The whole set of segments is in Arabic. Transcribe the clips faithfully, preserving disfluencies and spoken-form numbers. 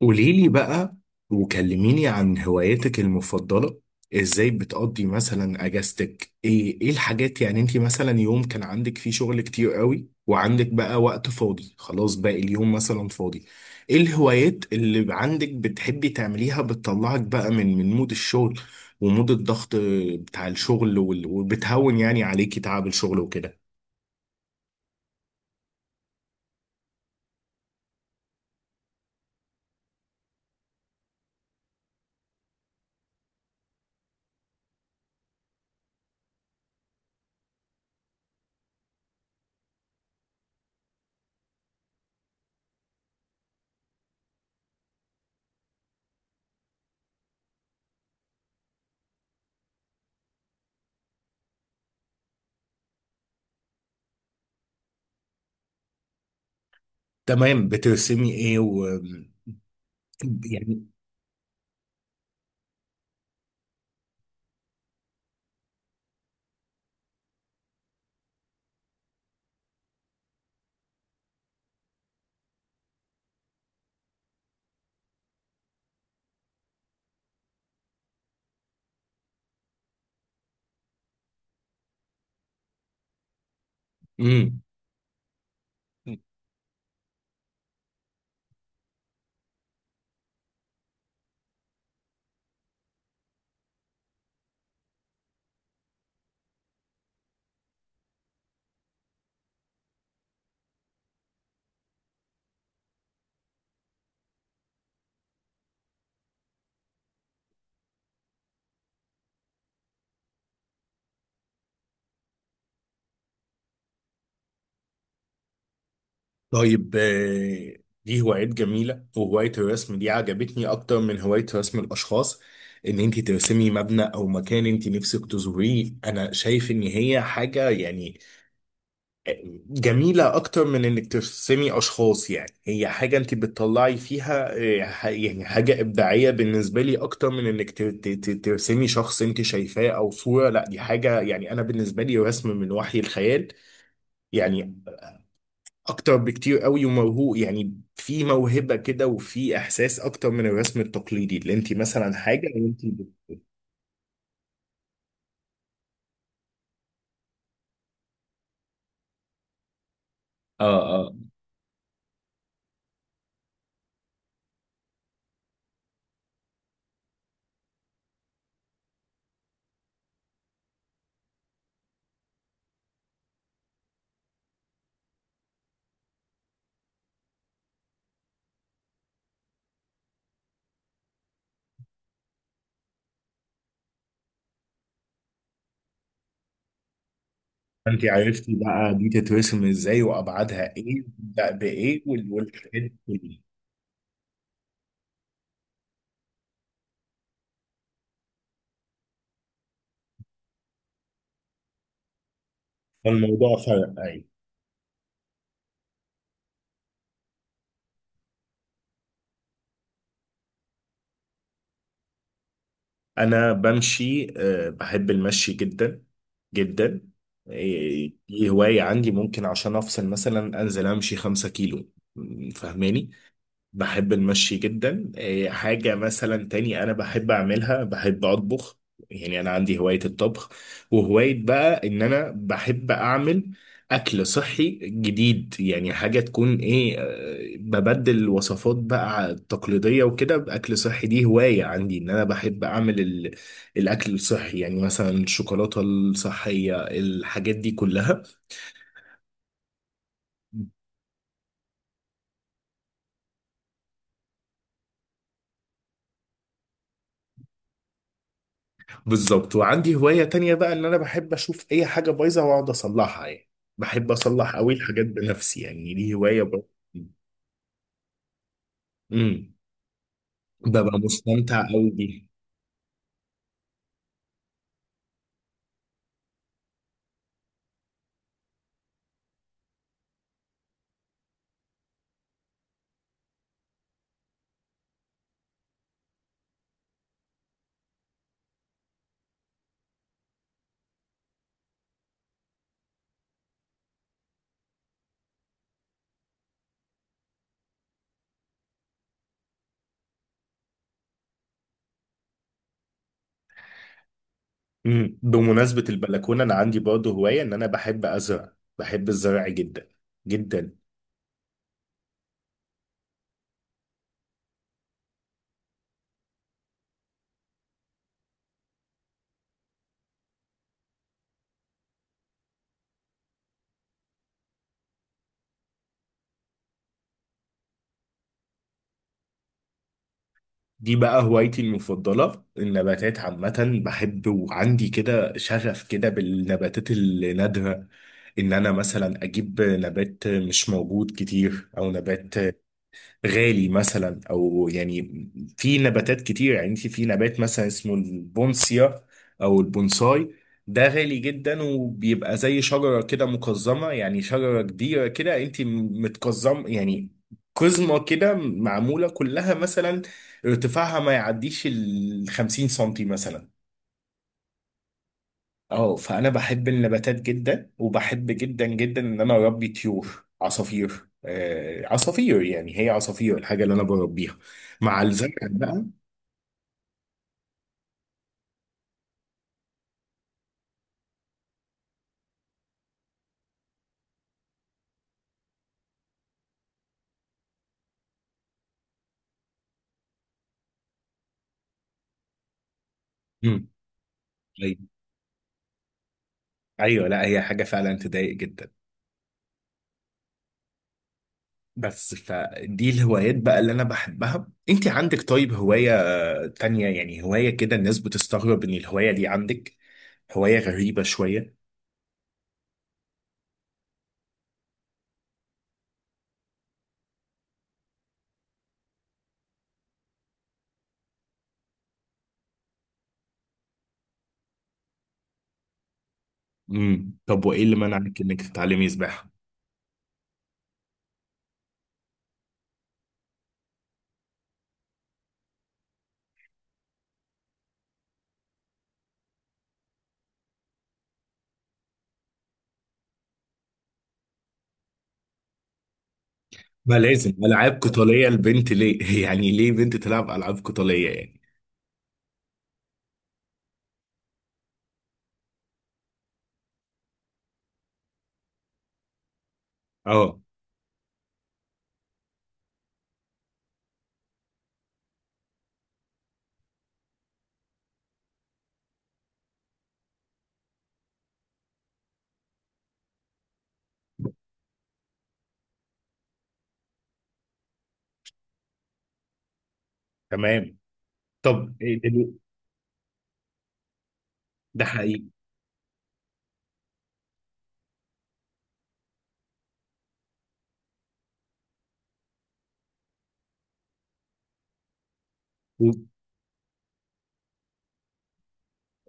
قولي لي بقى، وكلميني عن هواياتك المفضلة. ازاي بتقضي مثلا اجازتك؟ ايه ايه الحاجات، يعني انت مثلا يوم كان عندك فيه شغل كتير قوي وعندك بقى وقت فاضي، خلاص باقي اليوم مثلا فاضي، ايه الهوايات اللي عندك بتحبي تعمليها، بتطلعك بقى من من مود الشغل ومود الضغط بتاع الشغل وال- وبتهون يعني عليكي تعب الشغل وكده. تمام، بترسمي ايه و يعني؟ امم طيب. آه، دي هوايات جميلة، وهواية الرسم دي عجبتني أكتر من هواية رسم الأشخاص. إن أنت ترسمي مبنى أو مكان أنت نفسك تزوريه، أنا شايف إن هي حاجة يعني آه، جميلة أكتر من إنك ترسمي أشخاص. يعني هي حاجة أنت بتطلعي فيها، آه، ح- يعني حاجة إبداعية بالنسبة لي أكتر من إنك ت- ت- ت- ترسمي شخص أنت شايفاه أو صورة. لا دي حاجة يعني أنا بالنسبة لي رسم من وحي الخيال يعني، اكتر بكتير قوي وموهوب. يعني في موهبة كده وفي احساس اكتر من الرسم التقليدي اللي انت مثلا حاجة وانت بت- اه اه. انت عرفتي بقى دي تترسم ازاي وابعادها ايه وتبدأ بايه وال- والحاجات دي كلها. فالموضوع فرق، ايوه. انا بمشي، آه، بحب المشي جدا جدا. إيه، دي هواية عندي ممكن عشان افصل مثلا انزل امشي خمسة كيلو. م، فاهماني؟ بحب المشي جدا. إيه، حاجة مثلا تاني أنا بحب أعملها، بحب أطبخ. يعني أنا عندي هواية الطبخ، وهواية بقى إن أنا بحب أعمل أكل صحي جديد. يعني حاجة تكون إيه، آه، ببدل وصفات بقى التقليدية وكده بأكل صحي. دي هواية عندي إن أنا بحب أعمل ال... الأكل الصحي، يعني مثلا الشوكولاتة الصحية، الحاجات دي كلها. بالظبط، وعندي هواية تانية بقى ان انا بحب اشوف اي حاجة بايظة واقعد اصلحها. يعني بحب اصلح قوي الحاجات بنفسي، يعني دي هواية برضه. امم، ببقى مستمتع قوي بيها. امم، بمناسبة البلكونة انا عندي برضه هواية ان انا بحب ازرع، بحب الزرع جدا جدا. دي بقى هوايتي المفضلة، النباتات عامة بحب، وعندي كده شغف كده بالنباتات النادرة. ان انا مثلا اجيب نبات مش موجود كتير، او نبات غالي مثلا، او يعني في نباتات كتير. يعني انت في نبات مثلا اسمه البونسيا او البونساي، ده غالي جدا، وبيبقى زي شجرة كده مقزمة. يعني شجرة كبيرة كده انت متقزم، يعني قزمة كده، معمولة كلها مثلا ارتفاعها ما يعديش ال خمسين سنتي مثلا. اه فانا بحب النباتات جدا، وبحب جدا جدا ان انا اربي طيور عصافير. آه عصافير، يعني هي عصافير الحاجه اللي انا بربيها مع الزرع بقى. مم. طيب. ايوه، لا هي حاجه فعلا تضايق جدا. بس فدي الهوايات بقى اللي انا بحبها. انت عندك طيب هوايه تانية، يعني هوايه كده الناس بتستغرب ان الهوايه دي عندك، هوايه غريبه شويه؟ امم، طب وايه اللي منعك انك تتعلمي سباحه؟ ما لازم العاب قتاليه البنت ليه؟ يعني ليه بنت تلعب العاب قتاليه يعني؟ اه. تمام. طب إيه دل- ده حقيقي. و-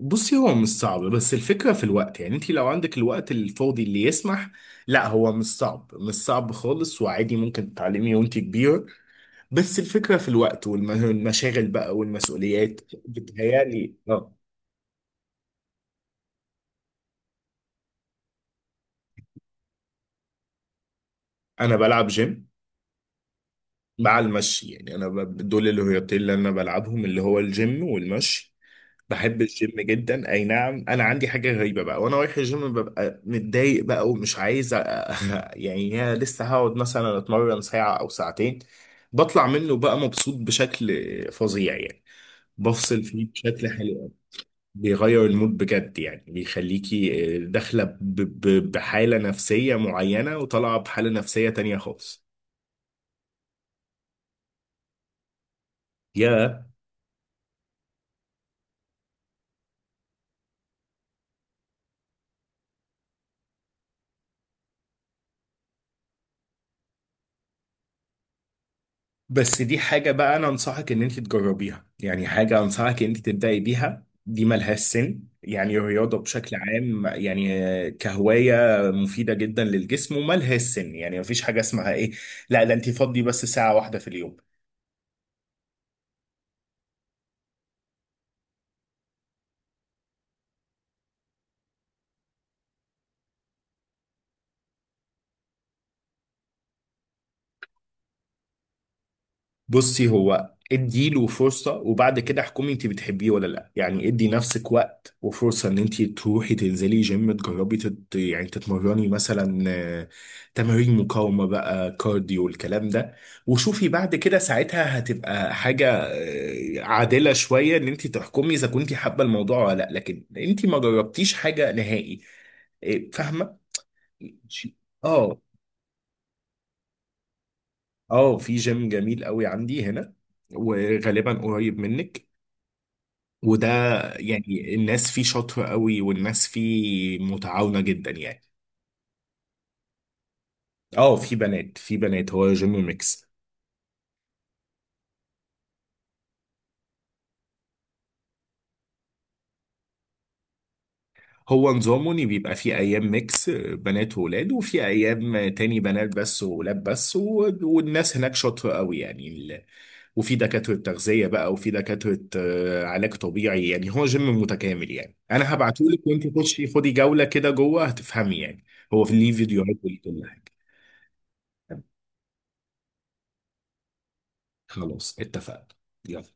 بصي، هو مش صعب، بس الفكره في الوقت، يعني انت لو عندك الوقت الفاضي اللي يسمح. لا هو مش صعب، مش صعب خالص، وعادي ممكن تتعلمي وانت كبيره، بس الفكره في الوقت والمشاغل بقى والمسؤوليات. بتهيالي اه. انا بلعب جيم مع المشي، يعني انا ب- دول الرياضتين اللي انا بلعبهم، اللي هو الجيم والمشي. بحب الجيم جدا. اي نعم، انا عندي حاجه غريبه بقى، وانا رايح الجيم ببقى متضايق بقى، ومش عايز أ- يعني يا لسه هقعد مثلا اتمرن ساعه او ساعتين. بطلع منه بقى مبسوط بشكل فظيع يعني، بفصل فيه بشكل حلو أوي. بيغير المود بجد، يعني بيخليكي آه، داخله ب- ب- بحاله نفسيه معينه، وطالعه بحاله نفسيه تانية خالص. يا بس دي حاجة بقى أنا أنصحك إن أنت تجربيها، يعني حاجة أنصحك إن أنت تبدأي بيها. دي ملهاش سن، يعني الرياضة بشكل عام، يعني آه، كهواية مفيدة جدا للجسم، وملهاش سن. يعني مفيش حاجة اسمها إيه، لا ده أنت فضي بس ساعة واحدة في اليوم. بصي هو ادي له فرصة، وبعد كده احكمي انت بتحبيه ولا لا. يعني ادي نفسك وقت وفرصة ان انت تروحي تنزلي جيم تجربي تت... يعني تتمرني مثلا، آه، تمارين مقاومة بقى كارديو والكلام ده. وشوفي بعد كده، ساعتها هتبقى حاجة آه، عادلة شوية ان انت تحكمي اذا كنت حابة الموضوع ولا لا. لكن انت ما جربتيش حاجة نهائي. إيه، فاهمة. اه. اه في جيم جميل قوي عندي هنا، وغالبا قريب منك، وده يعني الناس فيه شاطرة قوي، والناس فيه متعاونة جدا يعني. اه في بنات، في بنات، هو جيم ميكس. هو نظامه ان بيبقى في ايام ميكس بنات وولاد، وفي ايام تاني بنات بس وولاد بس، و... والناس هناك شاطرة قوي يعني ال... وفي دكاترة تغذية بقى، وفي دكاترة آه، علاج طبيعي. يعني هو جيم متكامل، يعني انا هبعتهولك، وانت خشي خدي جولة كده جوه هتفهمي، يعني هو في ليه فيديوهات وليه كل حاجة. خلاص، اتفقنا. يلا.